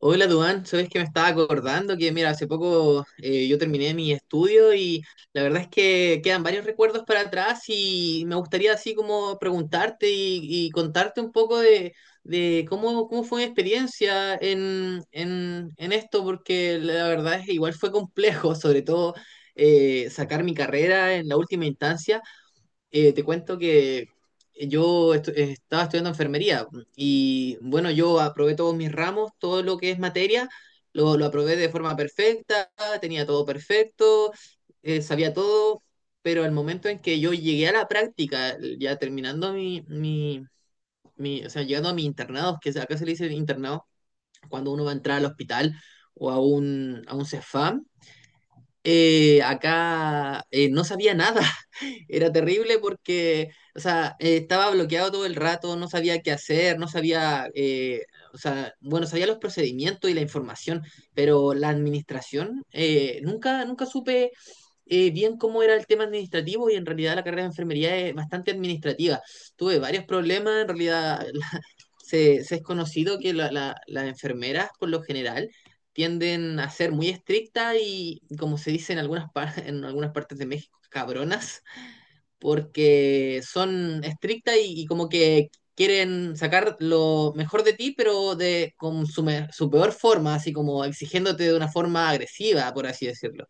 Hola, Duan. Sabes que me estaba acordando que, mira, hace poco yo terminé mi estudio y la verdad es que quedan varios recuerdos para atrás y me gustaría así como preguntarte y contarte un poco de cómo, cómo fue mi experiencia en esto, porque la verdad es que igual fue complejo, sobre todo sacar mi carrera en la última instancia. Te cuento que estaba estudiando enfermería y bueno, yo aprobé todos mis ramos, todo lo que es materia, lo aprobé de forma perfecta, tenía todo perfecto, sabía todo, pero al momento en que yo llegué a la práctica, ya terminando mi o sea, llegando a mi internado, que acá se le dice internado, cuando uno va a entrar al hospital o a un CEFAM, acá no sabía nada. Era terrible porque, o sea, estaba bloqueado todo el rato, no sabía qué hacer, no sabía, o sea, bueno, sabía los procedimientos y la información, pero la administración, nunca supe bien cómo era el tema administrativo y en realidad la carrera de enfermería es bastante administrativa. Tuve varios problemas, en realidad, se es conocido que las enfermeras por lo general tienden a ser muy estrictas y, como se dice en en algunas partes de México, cabronas, porque son estrictas y como que quieren sacar lo mejor de ti, pero con su peor forma, así como exigiéndote de una forma agresiva, por así decirlo.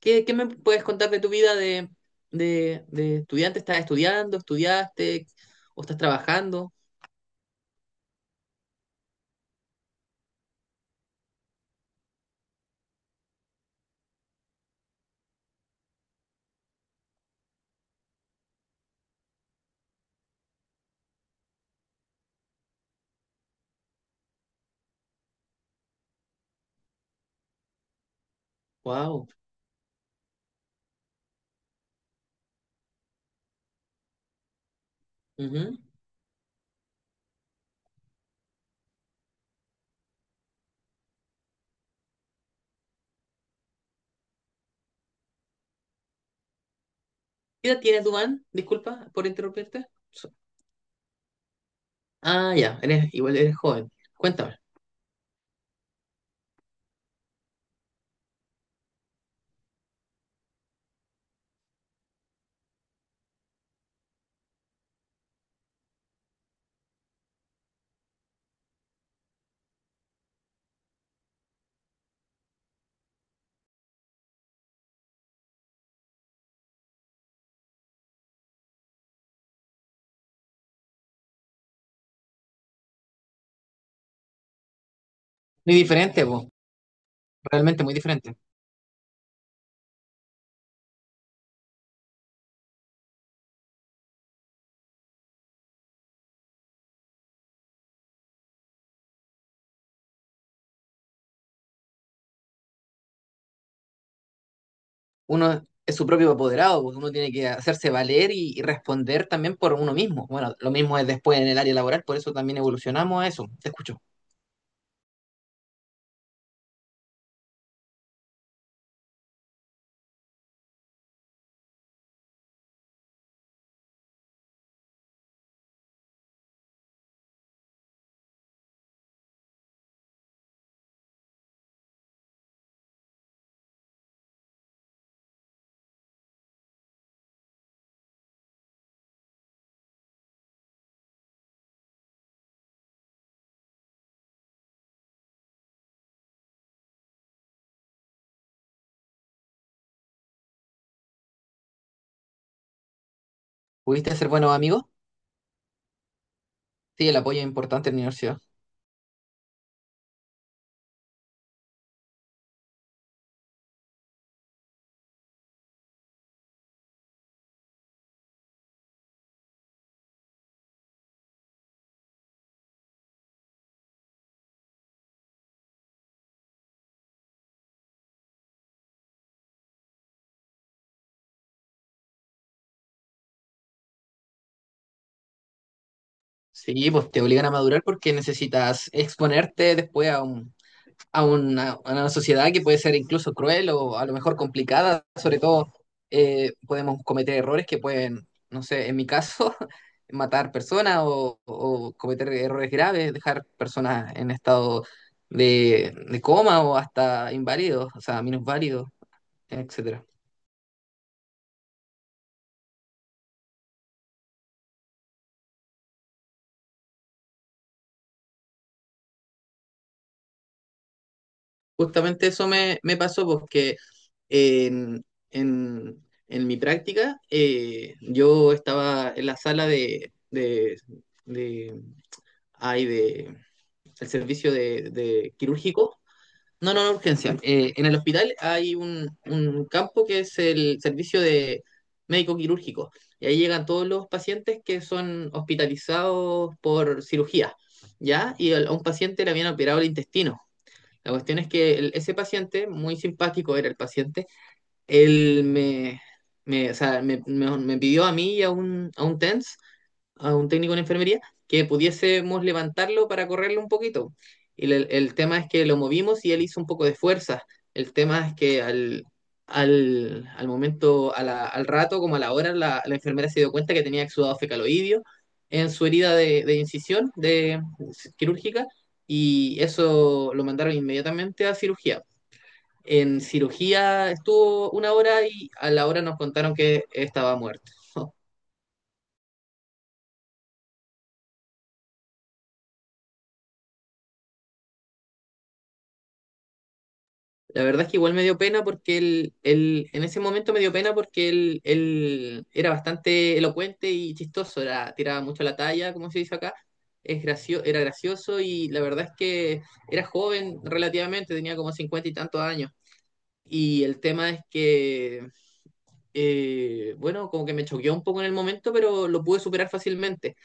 ¿Qué me puedes contar de tu vida de estudiante? ¿Estás estudiando? ¿Estudiaste? ¿O estás trabajando? Wow. ¿Qué edad tienes, Dubán? Disculpa por interrumpirte. Ah, ya, eres, igual eres joven. Cuéntame. Muy diferente, vos. Realmente muy diferente. Uno es su propio apoderado, pues uno tiene que hacerse valer y responder también por uno mismo. Bueno, lo mismo es después en el área laboral, por eso también evolucionamos a eso. Te escucho. ¿Pudiste hacer buenos amigos? Sí, el apoyo es importante en la universidad. Sí, pues te obligan a madurar porque necesitas exponerte después a a una sociedad que puede ser incluso cruel o a lo mejor complicada, sobre todo podemos cometer errores que pueden, no sé, en mi caso, matar personas o cometer errores graves, dejar personas en estado de coma o hasta inválidos, o sea, minusválidos, etcétera. Justamente eso me pasó porque en, en mi práctica yo estaba en la sala hay de el servicio de quirúrgico, no, no, no, urgencia. En el hospital hay un campo que es el servicio de médico quirúrgico y ahí llegan todos los pacientes que son hospitalizados por cirugía, ¿ya? Y a un paciente le habían operado el intestino. La cuestión es que ese paciente, muy simpático era el paciente, él me, o sea, me pidió a mí y a un TENS, a un técnico en enfermería, que pudiésemos levantarlo para correrlo un poquito. Y el tema es que lo movimos y él hizo un poco de fuerza. El tema es que al momento, a al rato, como a la hora, la enfermera se dio cuenta que tenía exudado fecaloidio en su herida de incisión, quirúrgica, y eso lo mandaron inmediatamente a cirugía. En cirugía estuvo una hora y a la hora nos contaron que estaba muerto. La verdad es que igual me dio pena porque él en ese momento me dio pena porque él era bastante elocuente y chistoso, era, tiraba mucho la talla, como se dice acá, es era gracioso y la verdad es que era joven relativamente, tenía como cincuenta y tantos años. Y el tema es que, bueno, como que me choqueó un poco en el momento, pero lo pude superar fácilmente.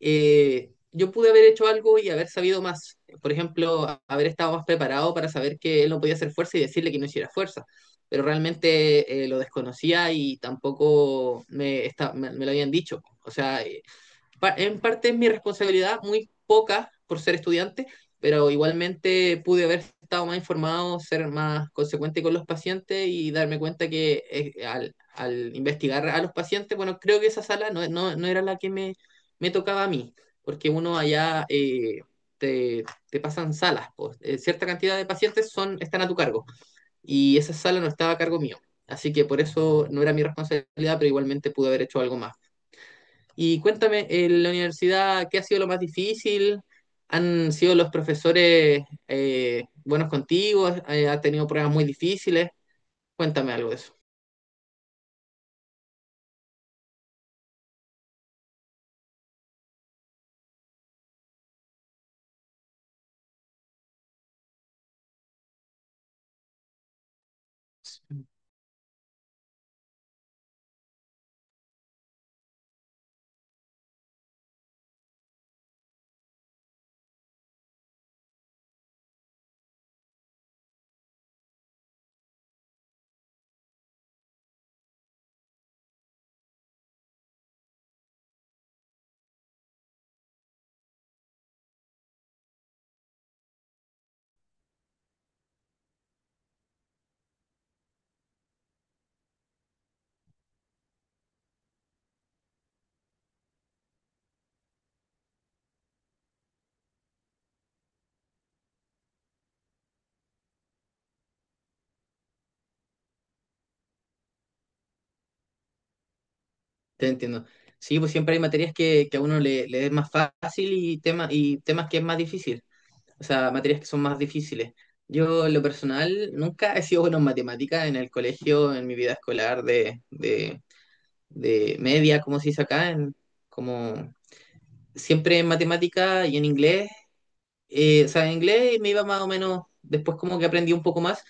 Yo pude haber hecho algo y haber sabido más. Por ejemplo, haber estado más preparado para saber que él no podía hacer fuerza y decirle que no hiciera fuerza. Pero realmente lo desconocía y tampoco me lo habían dicho. O sea, en parte es mi responsabilidad, muy poca por ser estudiante, pero igualmente pude haber estado más informado, ser más consecuente con los pacientes y darme cuenta que al investigar a los pacientes, bueno, creo que esa sala no, no, no era la que me tocaba a mí, porque uno allá te, te pasan salas, pues, cierta cantidad de pacientes son, están a tu cargo y esa sala no estaba a cargo mío. Así que por eso no era mi responsabilidad, pero igualmente pude haber hecho algo más. Y cuéntame, en la universidad, ¿qué ha sido lo más difícil? ¿Han sido los profesores buenos contigo? ¿Has tenido pruebas muy difíciles? Cuéntame algo de eso. Te entiendo. Sí, pues siempre hay materias que a uno le es más fácil y temas que es más difícil. O sea, materias que son más difíciles. Yo, en lo personal, nunca he sido bueno en matemáticas en el colegio, en mi vida escolar de media, como se dice acá, en, como siempre en matemática y en inglés, o sea, en inglés me iba más o menos, después como que aprendí un poco más,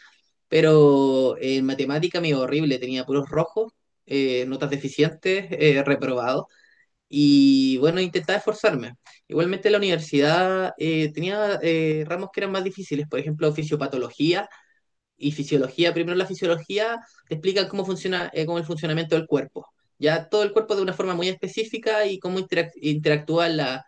pero en matemática me iba horrible, tenía puros rojos, notas deficientes, reprobado, y bueno, intentaba esforzarme. Igualmente la universidad tenía ramos que eran más difíciles, por ejemplo, fisiopatología, y fisiología. Primero la fisiología te explica cómo funciona, cómo el funcionamiento del cuerpo. Ya todo el cuerpo de una forma muy específica y cómo interactúan la-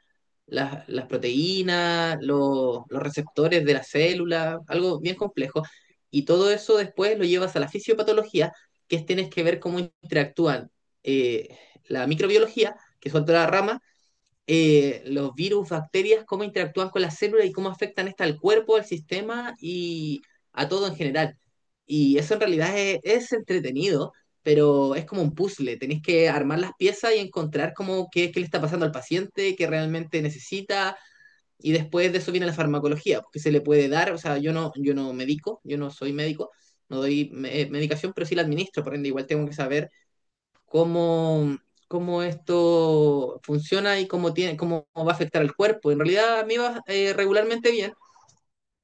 la- las proteínas, los receptores de la célula, algo bien complejo. Y todo eso después lo llevas a la fisiopatología, que es tienes que ver cómo interactúan eh, la microbiología, que es otra rama, los virus, bacterias, cómo interactúan con las células y cómo afectan esta al cuerpo, al sistema y a todo en general. Y eso en realidad es entretenido, pero es como un puzzle. Tenéis que armar las piezas y encontrar cómo qué, qué le está pasando al paciente, qué realmente necesita. Y después de eso viene la farmacología, porque se le puede dar, o sea, yo no, yo no medico, yo no soy médico, no doy medicación, pero sí la administro, por ende igual tengo que saber cómo, cómo esto funciona y cómo, tiene, cómo va a afectar al cuerpo. En realidad a mí iba regularmente bien,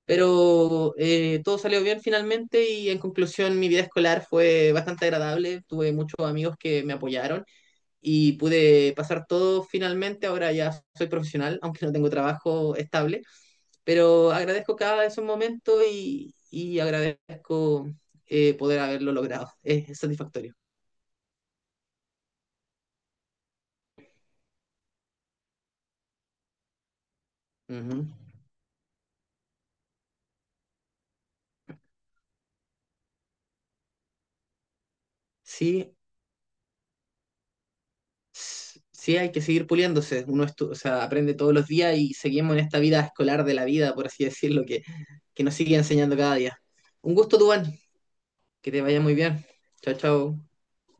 pero todo salió bien finalmente y en conclusión mi vida escolar fue bastante agradable. Tuve muchos amigos que me apoyaron y pude pasar todo finalmente. Ahora ya soy profesional, aunque no tengo trabajo estable, pero agradezco cada esos momentos y agradezco poder haberlo logrado. Es satisfactorio. Ujú. Sí, sí hay que seguir puliéndose. Uno o sea, aprende todos los días y seguimos en esta vida escolar de la vida, por así decirlo, que nos sigue enseñando cada día. Un gusto, Duván. Que te vaya muy bien. Chao, chao.